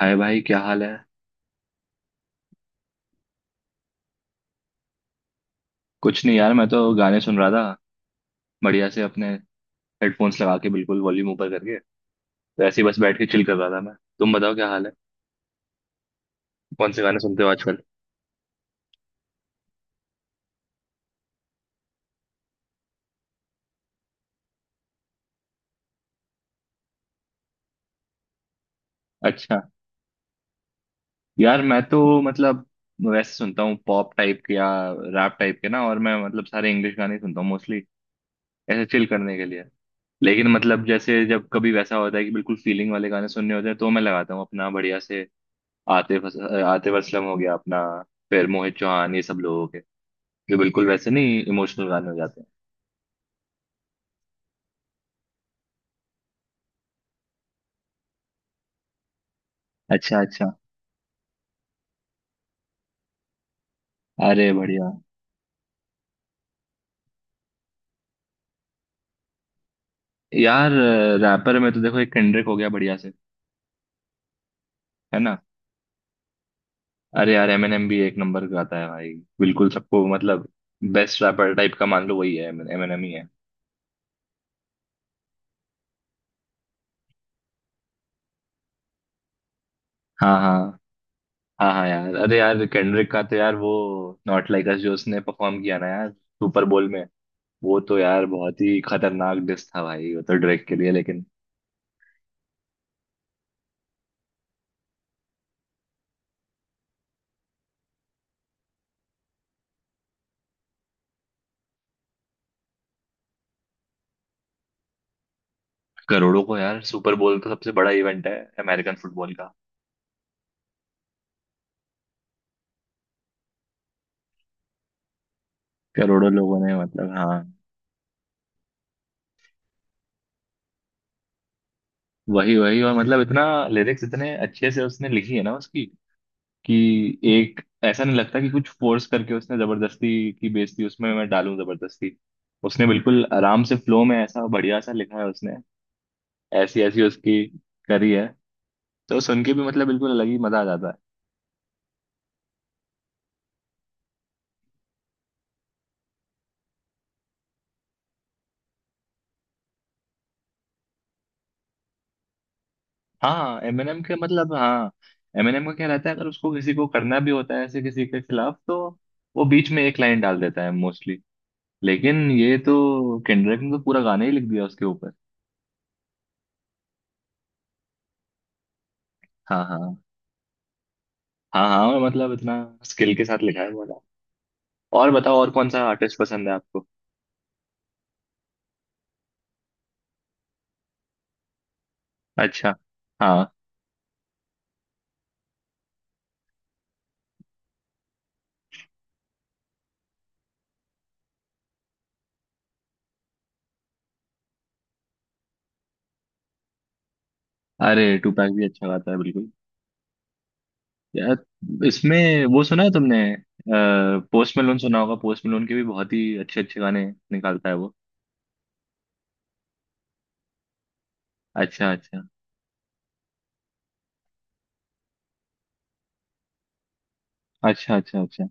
हाय भाई, क्या हाल है। कुछ नहीं यार, मैं तो गाने सुन रहा था बढ़िया से, अपने हेडफोन्स लगा के बिल्कुल वॉल्यूम ऊपर करके। तो ऐसे ही बस बैठ के चिल कर रहा था मैं। तुम बताओ क्या हाल है, कौन से गाने सुनते हो आजकल। अच्छा, यार मैं तो मतलब वैसे सुनता हूँ पॉप टाइप के या रैप टाइप के ना, और मैं मतलब सारे इंग्लिश गाने ही सुनता हूँ मोस्टली, ऐसे चिल करने के लिए। लेकिन मतलब जैसे जब कभी वैसा होता है कि बिल्कुल फीलिंग वाले गाने सुनने होते हैं तो मैं लगाता हूँ अपना बढ़िया से। आतिफ आतिफ असलम हो गया अपना, फिर मोहित चौहान, ये सब लोगों के, ये बिल्कुल वैसे नहीं, इमोशनल गाने हो जाते हैं। अच्छा अच्छा। अरे बढ़िया। यार, रैपर में तो देखो एक केंड्रिक हो गया बढ़िया से। है ना। अरे यार, एमिनेम भी एक नंबर गाता है भाई, बिल्कुल सबको मतलब बेस्ट रैपर टाइप का मान लो, वही है, एमिनेम ही है। हाँ हाँ। हाँ हाँ यार, अरे यार केंड्रिक का तो यार वो नॉट लाइक अस जो उसने परफॉर्म किया ना यार सुपर बोल में, वो तो यार बहुत ही खतरनाक डिस था भाई, वो तो ड्रेक के लिए। लेकिन करोड़ों को यार, सुपर बोल तो सबसे बड़ा इवेंट है अमेरिकन फुटबॉल का। करोड़ों लोगों ने मतलब, हाँ। वही वही, और मतलब इतना लिरिक्स इतने अच्छे से उसने लिखी है ना उसकी, कि एक ऐसा नहीं लगता कि कुछ फोर्स करके उसने जबरदस्ती की बेइज्जती उसमें मैं डालूं जबरदस्ती। उसने बिल्कुल आराम से फ्लो में ऐसा बढ़िया सा लिखा है उसने, ऐसी ऐसी उसकी करी है। तो सुन के भी मतलब बिल्कुल अलग ही मजा आ जाता है। हाँ, एमएनएम के मतलब, हाँ एमएनएम का क्या रहता है, अगर उसको किसी को करना भी होता है ऐसे किसी के खिलाफ तो वो बीच में एक लाइन डाल देता है मोस्टली। लेकिन ये तो केंड्रिक ने तो पूरा गाना ही लिख दिया उसके ऊपर। हाँ हाँ। हाँ हाँ, मतलब इतना स्किल के साथ लिखा है, बोला। और बताओ, और कौन सा आर्टिस्ट पसंद है आपको। अच्छा, हाँ, अरे टूपैक भी अच्छा गाता है बिल्कुल। यार, इसमें वो सुना है तुमने, पोस्ट मेलोन सुना होगा। पोस्ट मेलोन के भी बहुत ही अच्छे अच्छे गाने निकालता है वो। अच्छा अच्छा अच्छा। अच्छा अच्छा।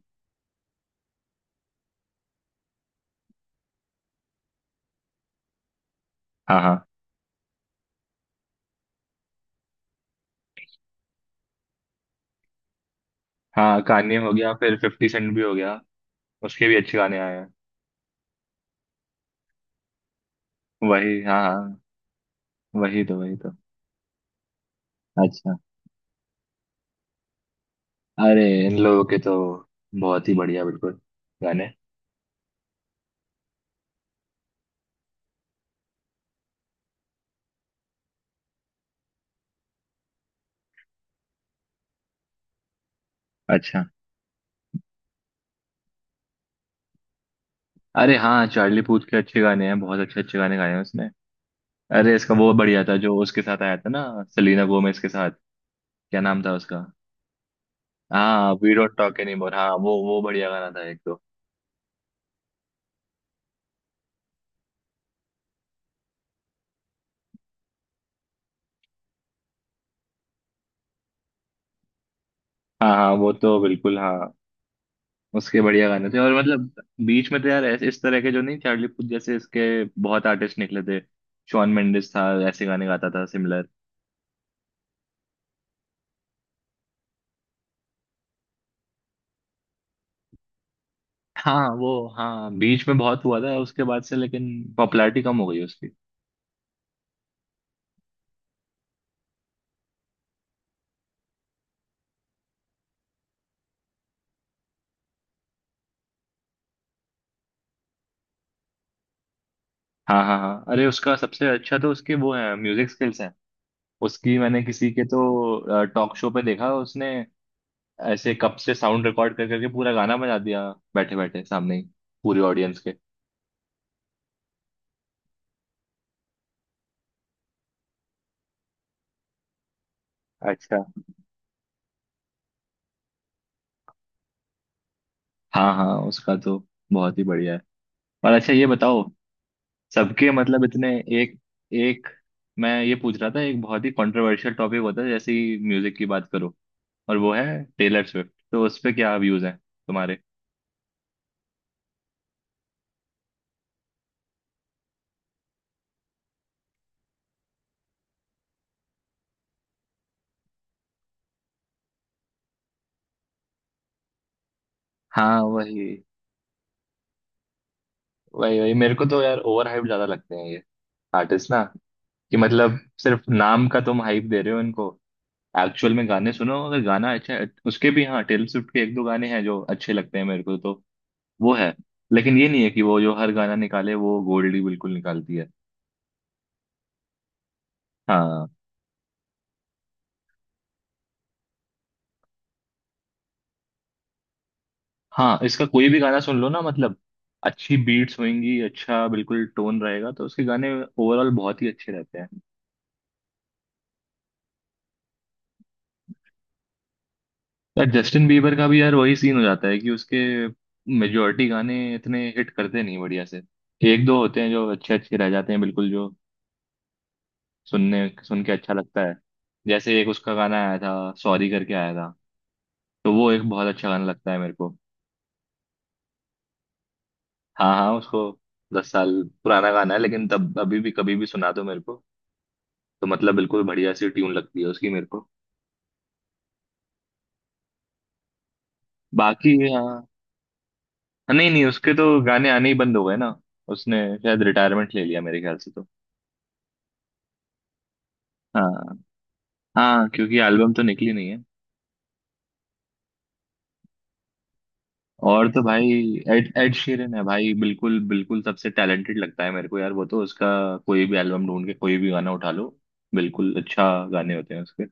हाँ हाँ। हाँ कान्ये हो गया, फिर फिफ्टी सेंट भी हो गया, उसके भी अच्छे गाने आए हैं। वही हाँ हाँ। वही तो वही तो। अच्छा। अरे इन लोगों के तो बहुत ही बढ़िया बिल्कुल गाने। अच्छा। अरे हाँ, चार्ली पूथ के अच्छे गाने हैं, बहुत अच्छे अच्छे गाने गाए हैं उसने। अरे इसका वो बढ़िया था जो उसके साथ आया था ना, सेलेना गोमेज के साथ, क्या नाम था उसका। हाँ, वी डोंट टॉक एनीमोर, हाँ वो बढ़िया गाना था एक तो। हाँ हाँ वो तो बिल्कुल, हाँ उसके बढ़िया गाने थे और मतलब बीच में तो यार इस तरह के जो नहीं चार्ली पूथ जैसे, इसके बहुत आर्टिस्ट निकले थे। शॉन मेंडिस था, ऐसे गाने गाता था सिमिलर। हाँ वो, हाँ बीच में बहुत हुआ था उसके बाद से, लेकिन पॉपुलैरिटी कम हो गई उसकी। हाँ हाँ हाँ, अरे उसका सबसे अच्छा तो उसके वो है, म्यूजिक स्किल्स हैं उसकी। मैंने किसी के तो टॉक शो पे देखा, उसने ऐसे कप से साउंड रिकॉर्ड कर करके पूरा गाना बजा दिया, बैठे बैठे सामने ही, पूरी ऑडियंस के। अच्छा। हाँ हाँ, उसका तो बहुत ही बढ़िया है। और अच्छा ये बताओ, सबके मतलब इतने, एक एक, मैं ये पूछ रहा था, एक बहुत ही कंट्रोवर्शियल टॉपिक होता है जैसे ही म्यूजिक की बात करो, और वो है टेलर स्विफ्ट, तो उस पे क्या व्यूज हैं तुम्हारे। हाँ वही, वही वही, मेरे को तो यार ओवर हाइप ज्यादा लगते हैं ये आर्टिस्ट ना, कि मतलब सिर्फ नाम का तुम हाइप दे रहे हो इनको। एक्चुअल में गाने सुनो, अगर गाना अच्छा है उसके भी, हाँ टेलर स्विफ्ट के एक दो गाने हैं जो अच्छे लगते हैं मेरे को तो, वो है। लेकिन ये नहीं है कि वो जो हर गाना निकाले वो गोल्ड ही बिल्कुल निकालती है। हाँ। हाँ इसका कोई भी गाना सुन लो ना मतलब, अच्छी बीट्स होंगी, अच्छा बिल्कुल टोन रहेगा, तो उसके गाने ओवरऑल बहुत ही अच्छे रहते हैं। यार जस्टिन बीबर का भी यार वही सीन हो जाता है कि उसके मेजोरिटी गाने इतने हिट करते नहीं बढ़िया से। एक दो होते हैं जो अच्छे अच्छे रह जाते हैं बिल्कुल, जो सुनने सुन के अच्छा लगता है। जैसे एक उसका गाना आया था, सॉरी करके आया था, तो वो एक बहुत अच्छा गाना लगता है मेरे को। हाँ हाँ उसको 10 साल, पुराना गाना है, लेकिन तब अभी भी कभी भी सुना दो मेरे को, तो मतलब बिल्कुल बढ़िया सी ट्यून लगती है उसकी मेरे को। बाकी हाँ हाँ, नहीं नहीं, उसके तो गाने आने ही बंद हो गए ना। उसने शायद रिटायरमेंट ले लिया मेरे ख्याल से तो। हाँ, हाँ क्योंकि एल्बम तो निकली नहीं है। और तो भाई एड एड शीरन है भाई, बिल्कुल बिल्कुल सबसे टैलेंटेड लगता है मेरे को यार वो तो। उसका कोई भी एल्बम ढूंढ के कोई भी गाना उठा लो, बिल्कुल अच्छा गाने होते हैं उसके।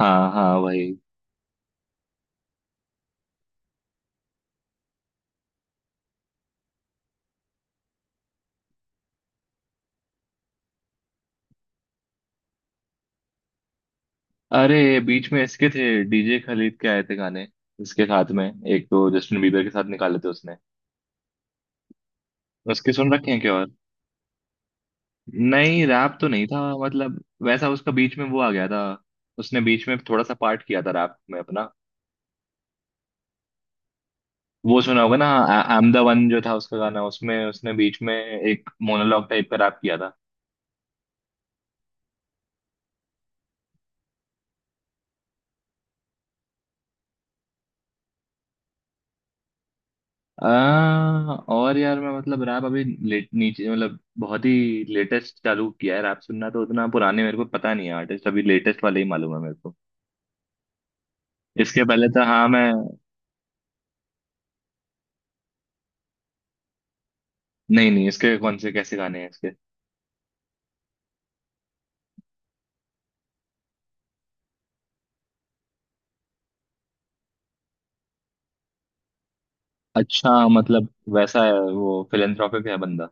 हाँ हाँ भाई। अरे बीच में इसके थे डीजे खालिद के आए थे गाने, इसके साथ में एक तो जस्टिन बीबर के साथ निकाले थे उसने। उसके सुन रखे हैं क्या, और नहीं रैप तो नहीं था मतलब, वैसा उसका बीच में वो आ गया था, उसने बीच में थोड़ा सा पार्ट किया था रैप में अपना। वो सुना होगा ना, आई एम द वन जो था उसका गाना, उसमें उसने बीच में एक मोनोलॉग टाइप का रैप किया था। और यार मैं मतलब रैप अभी लेट नीचे मतलब बहुत ही लेटेस्ट चालू किया है रैप सुनना, तो उतना पुराने मेरे को पता नहीं है आर्टिस्ट, अभी लेटेस्ट वाले ही मालूम है मेरे को। इसके पहले तो हाँ मैं, नहीं नहीं इसके कौन से कैसे गाने हैं इसके। अच्छा मतलब, वैसा है वो, फिलेंथ्रोपिक है बंदा।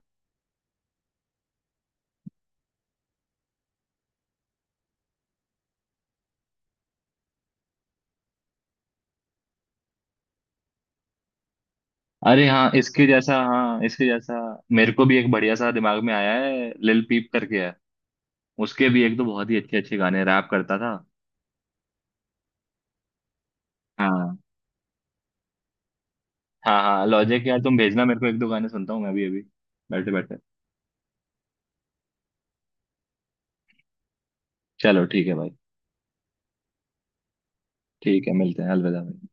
अरे हाँ इसके जैसा, हाँ इसके जैसा मेरे को भी एक बढ़िया सा दिमाग में आया है, लिल पीप करके। उसके भी एक दो बहुत ही अच्छे अच्छे गाने रैप करता था। हाँ। हाँ हाँ, लॉजिक यार तुम भेजना मेरे को, एक दो गाने सुनता हूँ मैं भी अभी बैठे बैठे। चलो ठीक है भाई, ठीक है, मिलते हैं, अलविदा भाई।